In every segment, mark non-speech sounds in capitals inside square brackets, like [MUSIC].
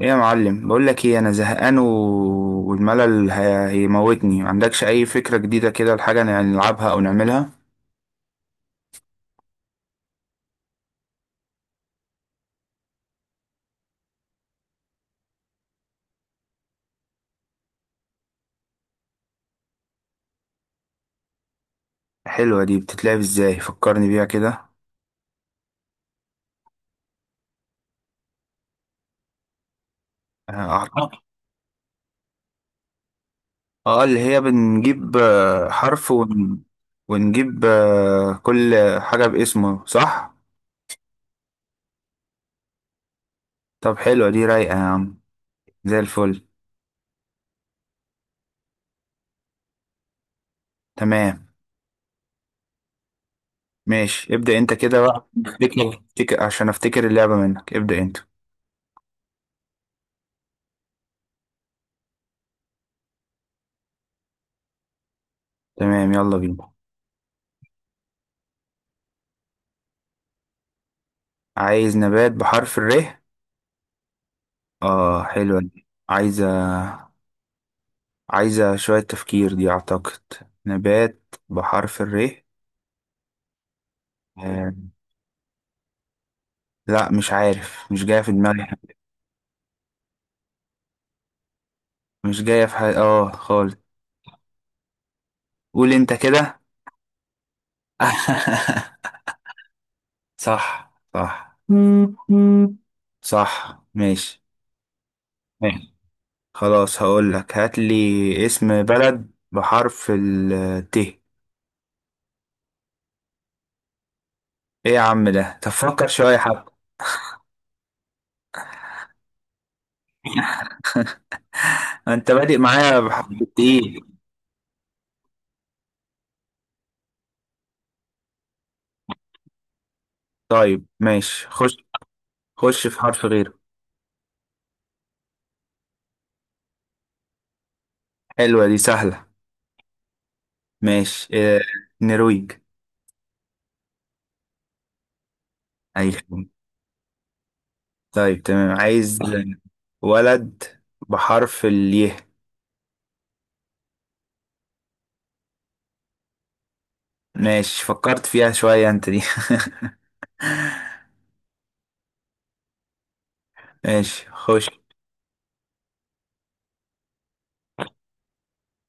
ايه يا معلم، بقول لك ايه، انا زهقان و... والملل هيموتني. ما عندكش اي فكرة جديدة كده لحاجة نلعبها او نعملها؟ حلوة دي، بتتلعب ازاي؟ فكرني بيها كده. اه اللي هي بنجيب حرف ون... ونجيب كل حاجة باسمه، صح؟ طب حلوة دي، رايقة يا عم. زي الفل. تمام ماشي، ابدأ انت كده بقى. افتكر، عشان افتكر اللعبة منك، ابدأ انت. تمام يلا بينا. عايز نبات بحرف الر. اه حلوة دي، عايز. عايزة شوية تفكير دي أعتقد. نبات بحرف الري. آه. لا مش عارف، مش جاية في دماغي. مش جاية في حاجة، اه خالص. قول انت كده. [LAUGHS] صح صح. صح ماشي. ماشي خلاص، هقول لك، هات لي اسم بلد بحرف الت. ايه يا عم ده، تفكر شوية حبة. [LAUGHS] انت بادئ معايا بحرف الت؟ طيب ماشي خش، خش في حرف غيره. حلوة دي سهلة. ماشي. آه، نرويج. أي خدمة. طيب تمام، عايز، صح؟ ولد بحرف اليه. ماشي فكرت فيها شوية أنت دي. [LAUGHS] ماشي خش.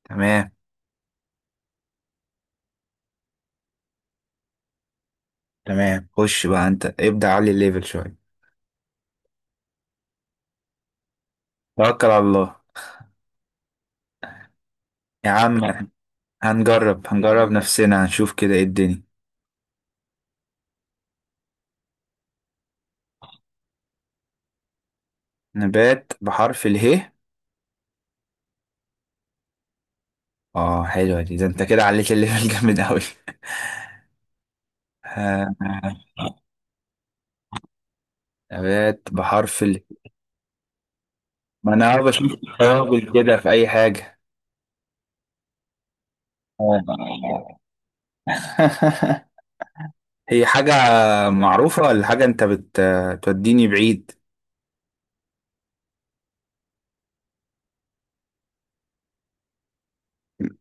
تمام. تمام خش بقى أنت، ابدأ علي الليفل شوية. توكل على الله يا عم، هنجرب نفسنا، هنشوف كده ايه الدنيا. نبات بحرف اله. اه حلوة دي، ده انت كده عليت الليفل جامد أوي. [LAUGHS] آه. نبات بحرف ال. ما انا بشوف. توابل كده، في اي حاجة. آه. [LAUGHS] هي حاجة معروفة ولا حاجة انت بتوديني بعيد؟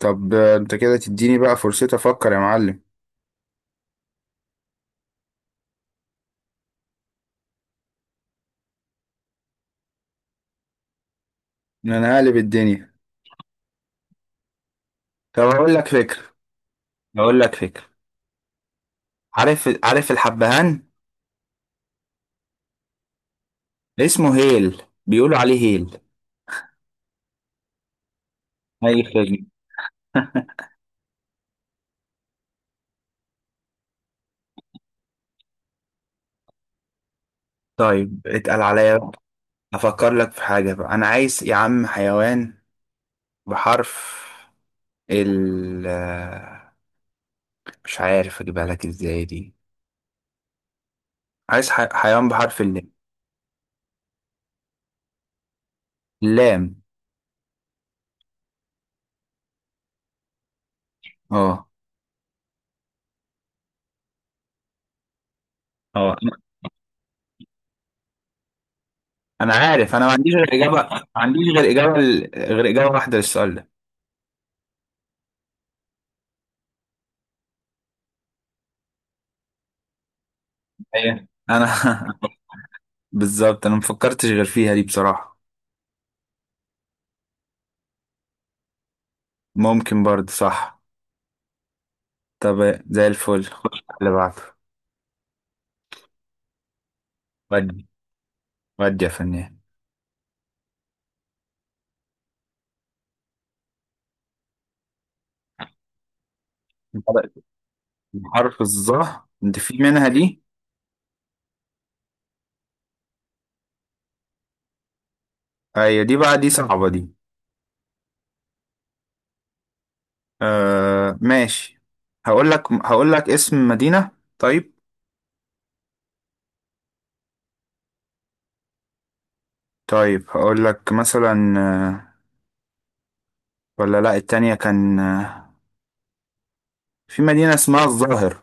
طب انت كده تديني بقى فرصتي افكر يا معلم. انا هقلب الدنيا. طب اقول لك فكرة. اقول لك فكرة. عارف، عارف الحبهان؟ اسمه هيل، بيقولوا عليه هيل. اي خدمة. طيب اتقل عليا بقى. افكر لك في حاجة بقى. انا عايز يا عم حيوان بحرف ال مش عارف اجيبها لك ازاي دي. عايز حيوان بحرف اللام. اللام، اه. اه انا عارف، انا ما عنديش غير اجابه، ما عنديش غير اجابه، غير اجابه واحده للسؤال ده. هي، انا. [LAUGHS] بالظبط، انا ما فكرتش غير فيها دي بصراحه. ممكن برضه، صح. طب زي الفل، خش على اللي بعده. ودي، ودي يا فنان. حرف الظهر؟ انت في منها دي؟ ايوه دي بقى، دي صعبه دي. آه ماشي، هقول لك، هقول لك اسم مدينه. طيب. طيب هقول لك مثلا ولا لا، التانية كان في مدينه اسمها الظاهر.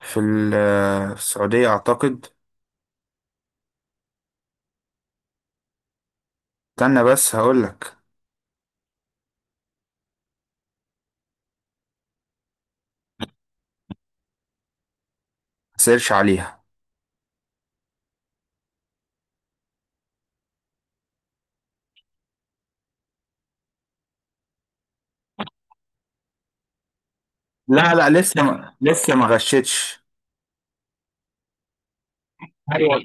في ال- في السعودية أعتقد. استنى بس هقولك، سيرش عليها. لا لا، لسه ما غشتش. ايوه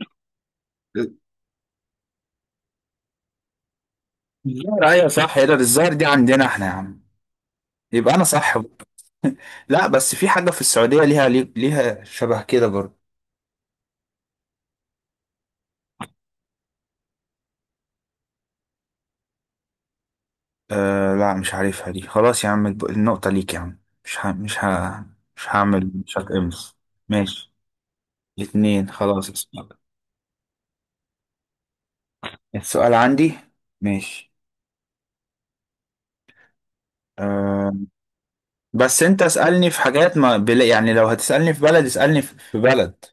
الظاهر، ايوه صح، يا ده الظاهر دي عندنا احنا يا عم، يبقى انا صح. لا بس في حاجة في السعودية ليها، ليها شبه كده برضه. آه لا مش عارفها دي، خلاص يا عم النقطة ليك يا عم، مش هعمل، مش هتقمص. ماشي. اتنين، خلاص السؤال. السؤال عندي. ماشي. آه، بس انت اسألني في حاجات ما بلا يعني، لو هتسألني في بلد اسألني في بلد.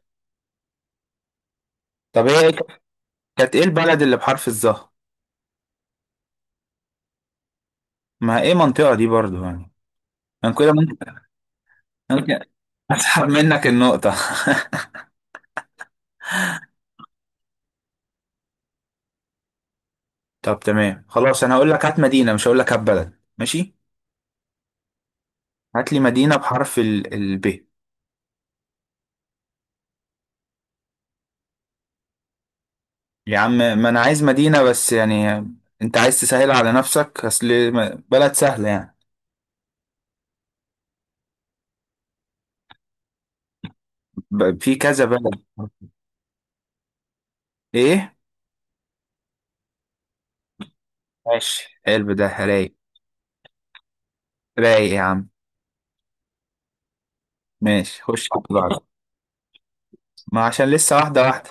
طب هي كانت ايه البلد اللي بحرف الظهر؟ ما ايه منطقة دي برضو يعني، انا كده ممكن، ممكن اسحب منك النقطة. [LAUGHS] طب تمام خلاص، انا هقول لك هات مدينة، مش هقول لك هات بلد، ماشي؟ هات لي مدينة بحرف ال ب. يا عم ما انا عايز مدينة بس يعني، انت عايز تسهل على نفسك، اصل بلد سهلة يعني، في كذا بلد. ايه ماشي، حلو ده، رايق. رايق يا عم. ماشي خش على اللي بعده. ما عشان لسه، واحدة واحدة.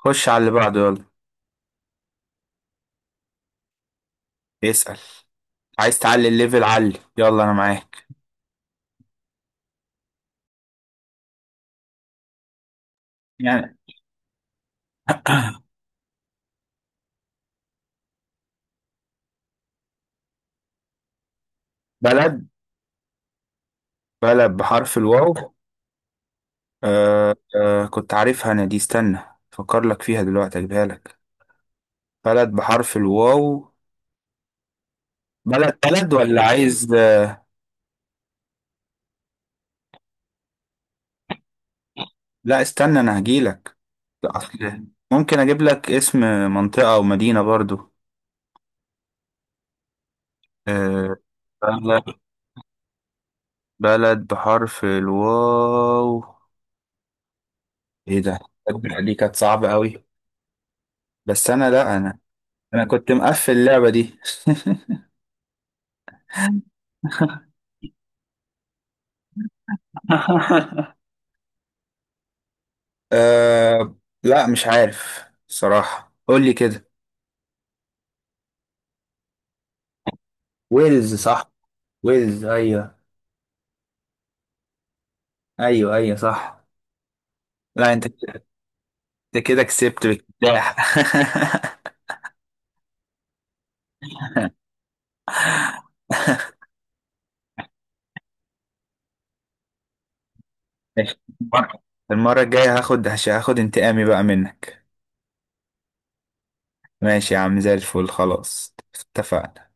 خش على اللي بعده يلا. اسأل. عايز تعلي الليفل علي، يلا أنا معاك. يعني. بلد بلد بحرف الواو. آه آه كنت عارفها أنا دي، استنى. أفكر لك فيها دلوقتي، أجيبها لك. بلد بحرف الواو. بلد، بلد، ولا عايز. لا استنى أنا هجيلك. لا، أصل ممكن أجيب لك اسم منطقة أو مدينة برضو. آه. بلد، بلد بحرف الواو. ايه ده، التتبيله دي كانت صعبة قوي. بس انا، لا انا انا كنت مقفل اللعبة دي. [LAUGHS] [LAUGHS] أه. لا مش عارف صراحة، قول لي كده. ويلز، صح. ويلز ايوه. ايوه ايوه صح. لا انت، انت كده كسبت باكتساح. [LAUGHS] ماشي. المرة المرة الجاية هاخد، هاخد انتقامي بقى منك. ماشي يا عم، زي الفل، خلاص اتفقنا.